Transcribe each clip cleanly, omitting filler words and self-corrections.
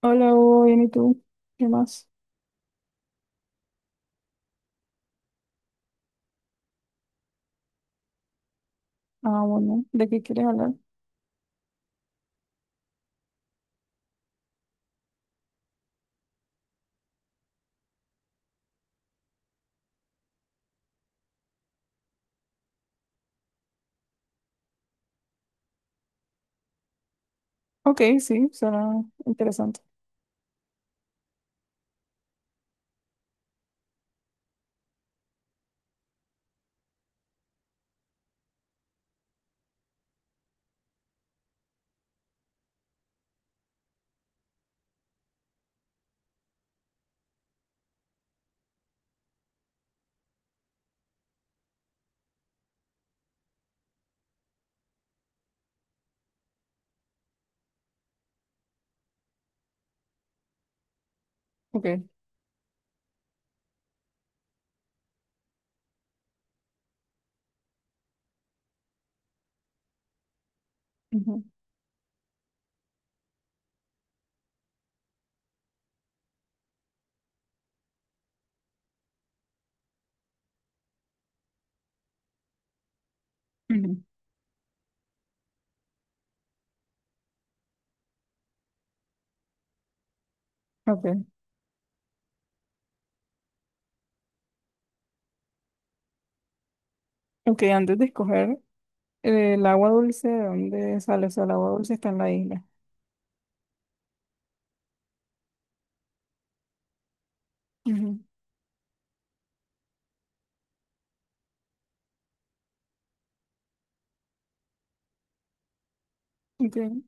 Hola, Hugo, bien, ¿y tú? ¿Qué más? Ah, bueno, ¿de qué quieres hablar? Ok, sí, suena interesante. Ok, ujú, ujú, Ok, ok, antes de escoger el agua dulce, ¿de dónde sale? O sea, el agua dulce está en la isla. Ujú, ok.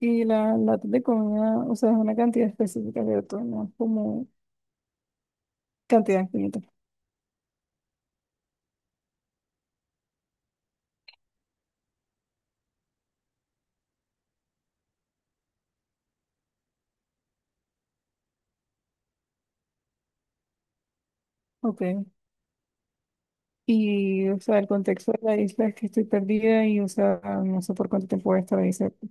Y la lata de comida, o sea, es una cantidad específica, ¿cierto? No es como cantidad infinita. Ok. Y, o sea, el contexto de la isla es que estoy perdida y, o sea, no sé por cuánto tiempo voy a estar ahí, ¿cierto?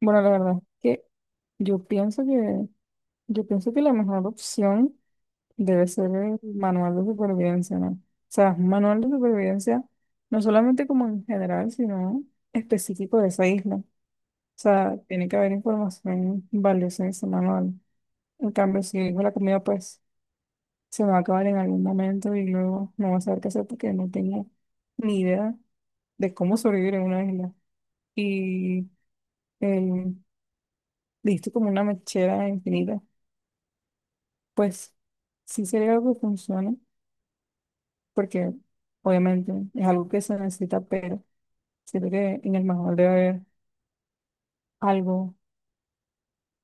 Bueno, la verdad es que yo pienso que, yo pienso que la mejor opción debe ser el manual de supervivencia, ¿no? O sea, un manual de supervivencia, no solamente como en general, sino específico de esa isla. O sea, tiene que haber información valiosa en ese manual. En cambio, si digo la comida, pues se me va a acabar en algún momento y luego no voy a saber qué hacer porque no tengo ni idea de cómo sobrevivir en una isla. Y el, listo como una mechera infinita. Pues sí sería algo que funcione, porque obviamente es algo que se necesita, pero siento que en el manual debe haber algo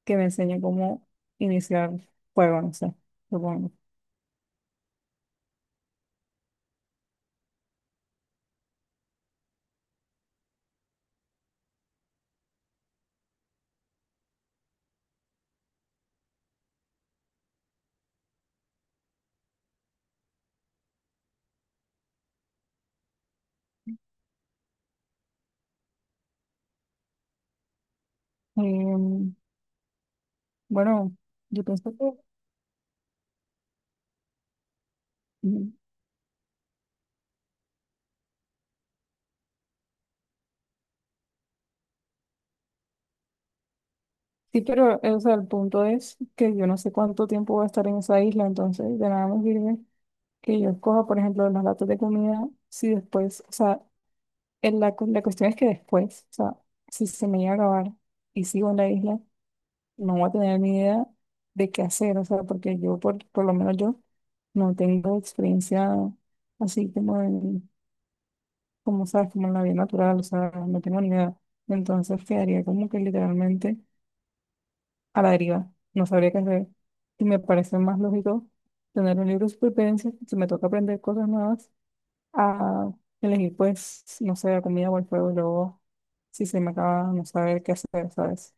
que me enseñe cómo iniciar fuego, no sé, supongo. Em, bueno, yo pienso que mm, sí, pero o sea, el punto es que yo no sé cuánto tiempo voy a estar en esa isla, entonces de nada me sirve que yo escoja, por ejemplo, las latas de comida, si después, o sea, la cuestión es que después, o sea, si se me llega a acabar y sigo en la isla. No voy a tener ni idea de qué hacer, o sea, porque yo, por, lo menos yo, no tengo experiencia así como en, como sabes, como en la vida natural, o sea, no tengo ni idea. Entonces quedaría como que literalmente a la deriva, no sabría qué hacer. Y me parece más lógico tener un libro de supervivencia, si me toca aprender cosas nuevas, a elegir, pues, no sé, la comida o el fuego, y luego, si se me acaba, no saber qué hacer, ¿sabes?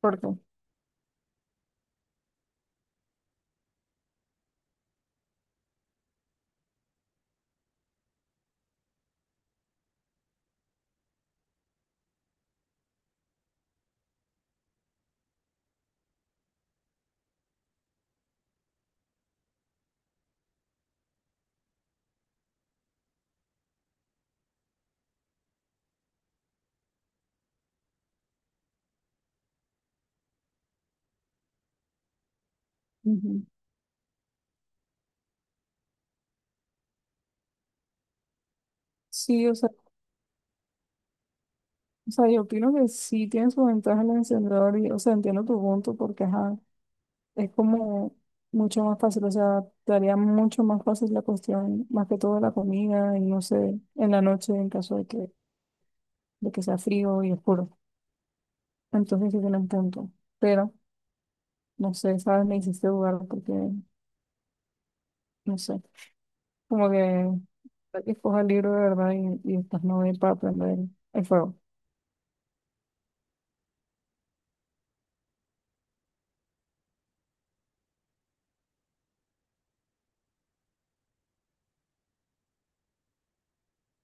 Porque, ujú. Sí, o sea, o sea, yo opino que sí tiene su ventaja el encendedor y, o sea, entiendo tu punto porque, ajá, es como mucho más fácil, o sea, te haría mucho más fácil la cuestión, más que todo la comida y no sé, en la noche en caso de que sea frío y oscuro. Entonces sí tiene un punto, pero, no sé, sabes, me hiciste dudar porque, no sé, como que escoja el libro de verdad y estas novelas para aprender el fuego.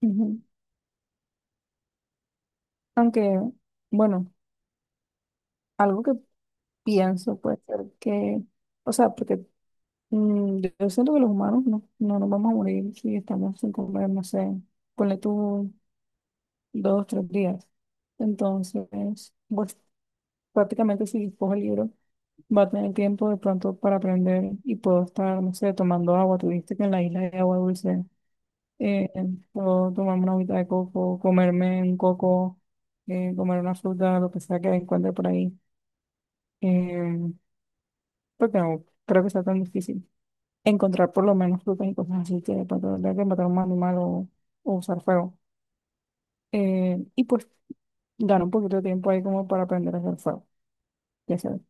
Ujú. Aunque, bueno, algo que pienso, puede ser que, o sea, porque mm, yo siento que los humanos no nos vamos a morir si estamos sin comer, no sé, ponle tú dos, tres días. Entonces, pues prácticamente si cojo el libro, va a tener tiempo de pronto para aprender y puedo estar, no sé, tomando agua. Tuviste que en la isla hay agua dulce, eh, puedo tomarme una agüita de coco, comerme un coco, comer una fruta, lo que sea que encuentre por ahí. Eh, porque no creo que sea tan difícil encontrar por lo menos frutas y cosas así que de pronto tenga que matar a un animal o usar fuego. Y pues ganar un poquito de tiempo ahí como para aprender a hacer fuego. Ya sabes.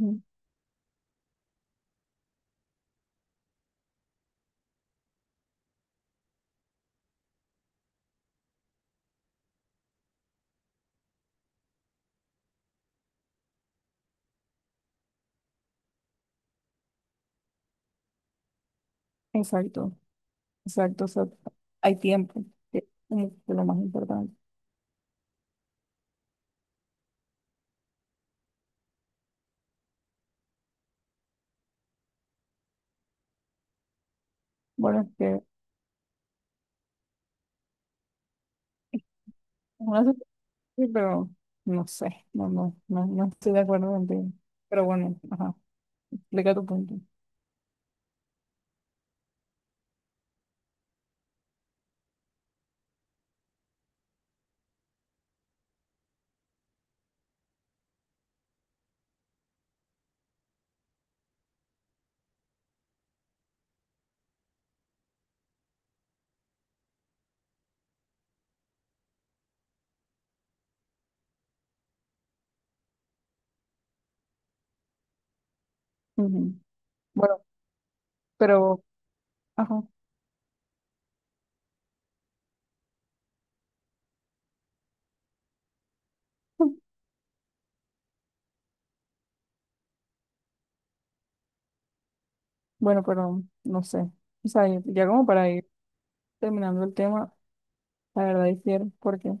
Mm, exacto, exacto. O sea, hay tiempo, que es como que lo más importante. Bueno, es que una se puede decir, pero no sé, no, no estoy de acuerdo contigo. Pero bueno, ajá, explica tu punto. Ujú. Bueno, pero, ajá. Bueno, pero no sé. O sea, ya como para ir terminando el tema, la verdad difiero porque,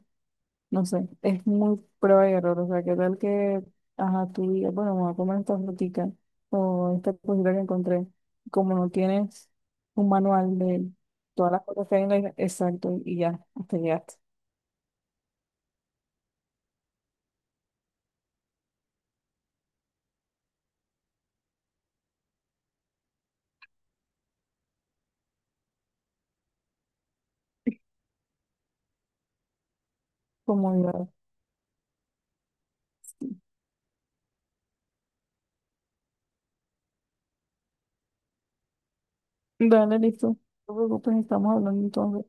no sé, es muy prueba y error. O sea, qué tal que, ajá, tú digas, bueno, me voy a comer esta frutica o esta cosita que encontré. Como no tienes un manual de todas las cosas que hay en la isla, exacto, y ya, hasta llegaste. Como yo. Dale, listo. No te preocupes, estamos hablando entonces.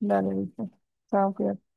Dale, listo. Chao, cuídate.